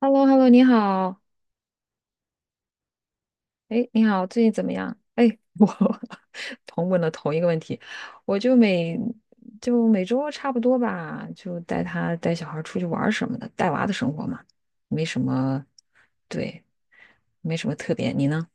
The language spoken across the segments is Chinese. h e l l o Hello 你好，哎，你好，最近怎么样？哎，我 同问了同一个问题，我就每周差不多吧，就带他带小孩儿出去玩儿什么的，带娃的生活嘛，没什么，对，没什么特别。你呢？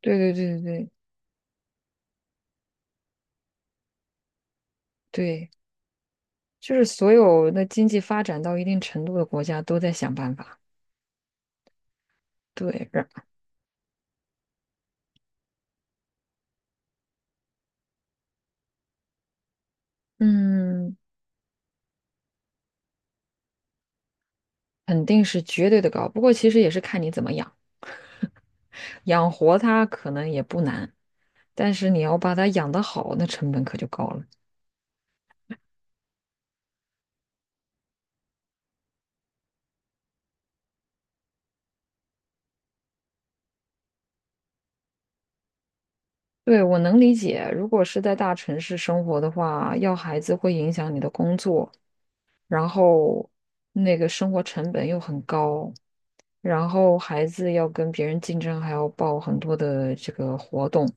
对对对对对对，就是所有的经济发展到一定程度的国家都在想办法，对，嗯，肯定是绝对的高，不过其实也是看你怎么养，养活他可能也不难。但是你要把它养得好，那成本可就高了。对，我能理解，如果是在大城市生活的话，要孩子会影响你的工作，然后那个生活成本又很高，然后孩子要跟别人竞争，还要报很多的这个活动，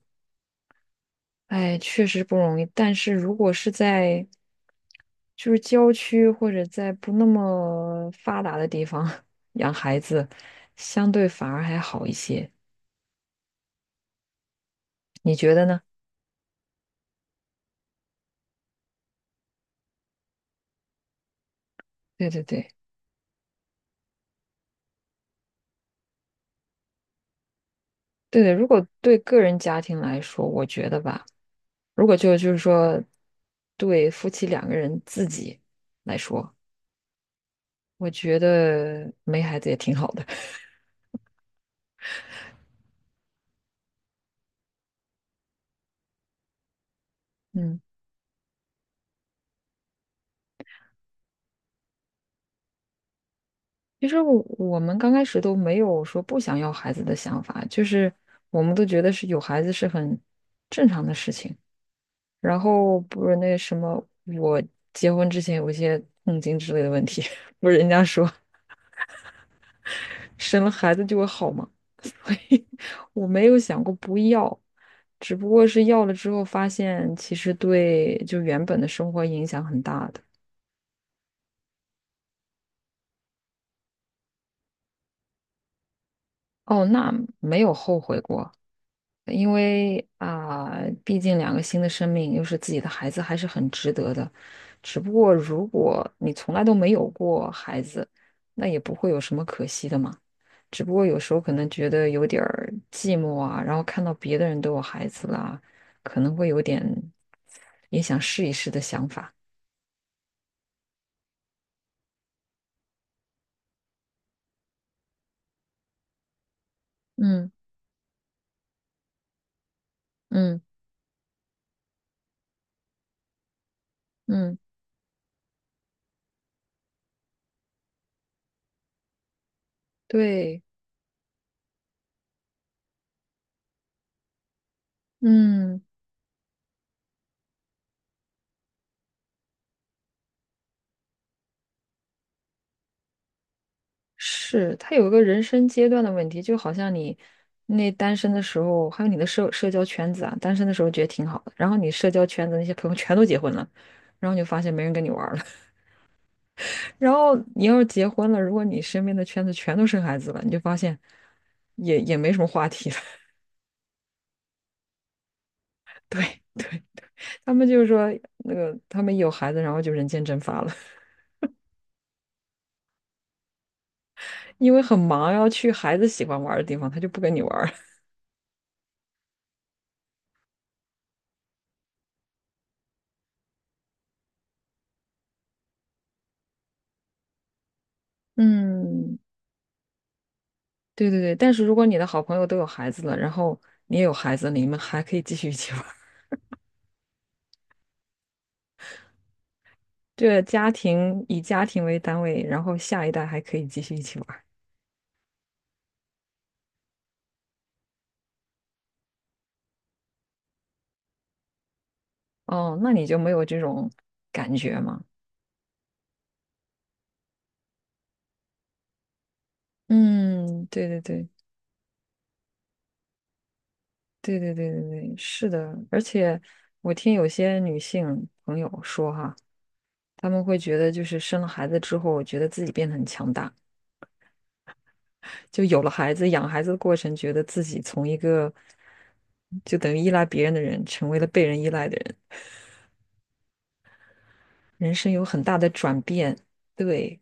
哎，确实不容易。但是如果是在就是郊区或者在不那么发达的地方 养孩子，相对反而还好一些，你觉得呢？对对对。对的，如果对个人家庭来说，我觉得吧，如果就是说，对夫妻两个人自己来说，我觉得没孩子也挺好的。嗯，其实我们刚开始都没有说不想要孩子的想法，就是我们都觉得是有孩子是很正常的事情。然后不是那什么，我结婚之前有一些痛经之类的问题，不是人家说生了孩子就会好吗？所以我没有想过不要，只不过是要了之后发现，其实对就原本的生活影响很大的。哦，那没有后悔过，因为啊、毕竟两个新的生命又是自己的孩子，还是很值得的。只不过如果你从来都没有过孩子，那也不会有什么可惜的嘛。只不过有时候可能觉得有点儿寂寞啊，然后看到别的人都有孩子啦，可能会有点也想试一试的想法。嗯嗯嗯，对，嗯，是，他有一个人生阶段的问题，就好像你那单身的时候，还有你的社交圈子啊，单身的时候觉得挺好的，然后你社交圈子那些朋友全都结婚了，然后你就发现没人跟你玩儿了。然后你要是结婚了，如果你身边的圈子全都生孩子了，你就发现也没什么话题了。对对，他们就是说那个他们有孩子，然后就人间蒸发了，因为很忙，要去孩子喜欢玩的地方，他就不跟你玩儿。嗯，对对对，但是如果你的好朋友都有孩子了，然后你也有孩子，你们还可以继续一起玩儿。这家庭以家庭为单位，然后下一代还可以继续一起玩儿。哦，那你就没有这种感觉吗？嗯，对对对对对对对对，是的。而且我听有些女性朋友说哈，他们会觉得就是生了孩子之后，觉得自己变得很强大，就有了孩子，养孩子的过程，觉得自己从一个就等于依赖别人的人，成为了被人依赖的人，人生有很大的转变。对，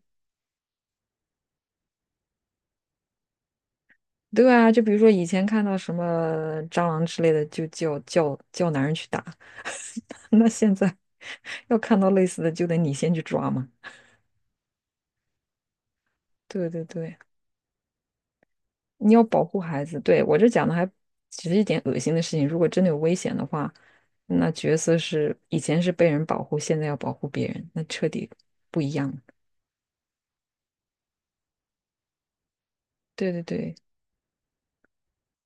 对啊，就比如说以前看到什么蟑螂之类的，就叫男人去打，那现在 要看到类似的，就得你先去抓嘛。对对对。你要保护孩子。对，我这讲的还只是一点恶心的事情，如果真的有危险的话，那角色是以前是被人保护，现在要保护别人，那彻底不一样了。对对对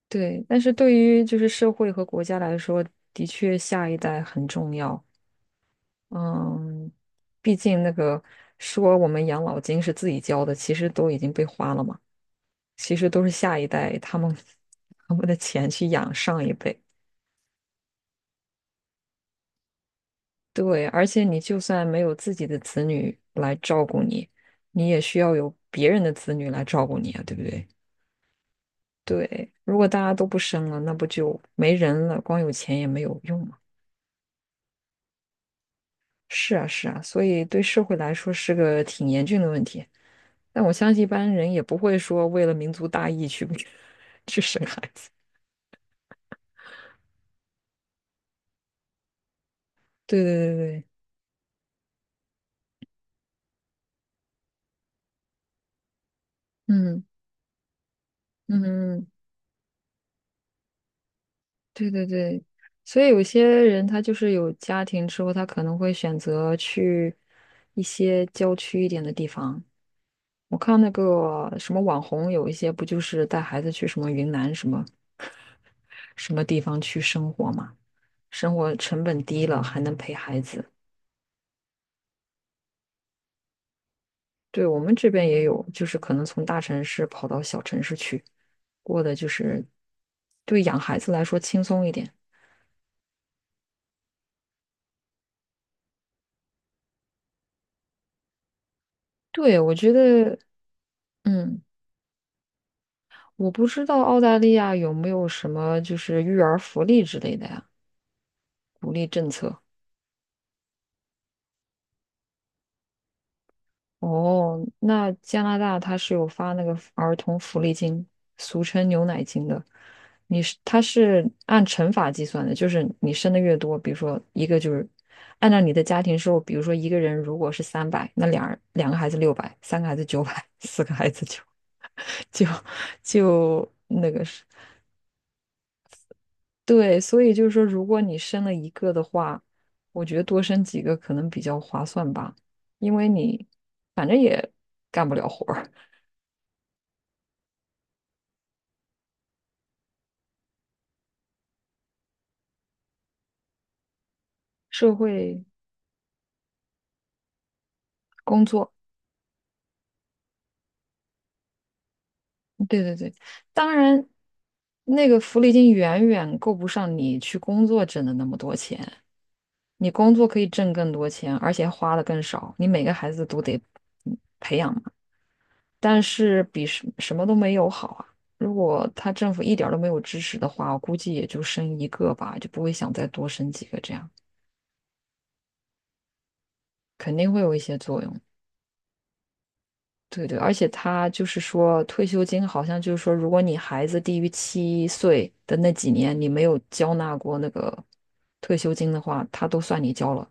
对，但是对于就是社会和国家来说，的确下一代很重要。嗯，毕竟那个说我们养老金是自己交的，其实都已经被花了嘛，其实都是下一代他们 他们的钱去养上一辈。对，而且你就算没有自己的子女来照顾你，你也需要有别人的子女来照顾你啊，对不对？对，如果大家都不生了，那不就没人了？光有钱也没有用嘛。是啊，是啊，所以对社会来说是个挺严峻的问题。但我相信一般人也不会说为了民族大义去 去生孩子。对对对对，嗯嗯，嗯对对对，所以有些人他就是有家庭之后，他可能会选择去一些郊区一点的地方。我看那个什么网红，有一些不就是带孩子去什么云南什么什么地方去生活嘛，生活成本低了，还能陪孩子。对，我们这边也有，就是可能从大城市跑到小城市去，过的就是对养孩子来说轻松一点。对，我觉得，嗯。我不知道澳大利亚有没有什么就是育儿福利之类的呀，鼓励政策。哦，那加拿大它是有发那个儿童福利金，俗称牛奶金的。它是按乘法计算的，就是你生的越多，比如说一个就是按照你的家庭收入，比如说一个人如果是300，那2人2个孩子600，3个孩子900，4个孩子就 就就那个是。对，所以就是说，如果你生了一个的话，我觉得多生几个可能比较划算吧，因为你反正也干不了活儿，社会工作，对对对，当然那个福利金远远够不上你去工作挣的那么多钱，你工作可以挣更多钱，而且花的更少，你每个孩子都得培养嘛但是比什么都没有好啊。如果他政府一点儿都没有支持的话，我估计也就生一个吧，就不会想再多生几个这样，肯定会有一些作用。对对，而且他就是说，退休金好像就是说，如果你孩子低于7岁的那几年，你没有交纳过那个退休金的话，他都算你交了，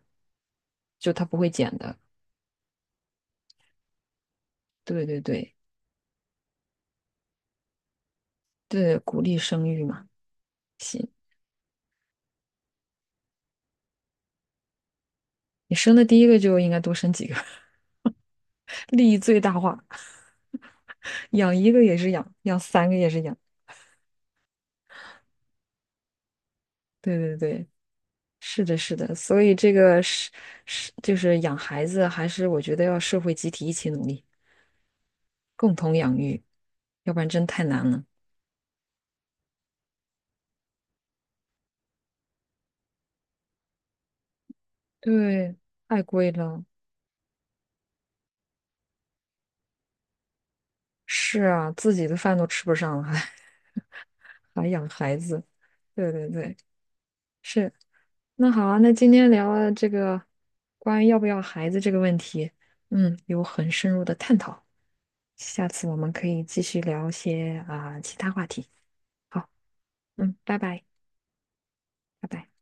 就他不会减的。对对对对，鼓励生育嘛。行，你生的第一个就应该多生几个，利益最大化。养一个也是养，养三个也是养。对对对，是的，是的。所以这个是就是养孩子，还是我觉得要社会集体一起努力，共同养育，要不然真太难了。对，太贵了。是啊，自己的饭都吃不上了，还 还养孩子。对对对，是。那好啊，那今天聊了这个关于要不要孩子这个问题，嗯，有很深入的探讨。下次我们可以继续聊一些啊、其他话题。好，嗯，拜拜，拜拜。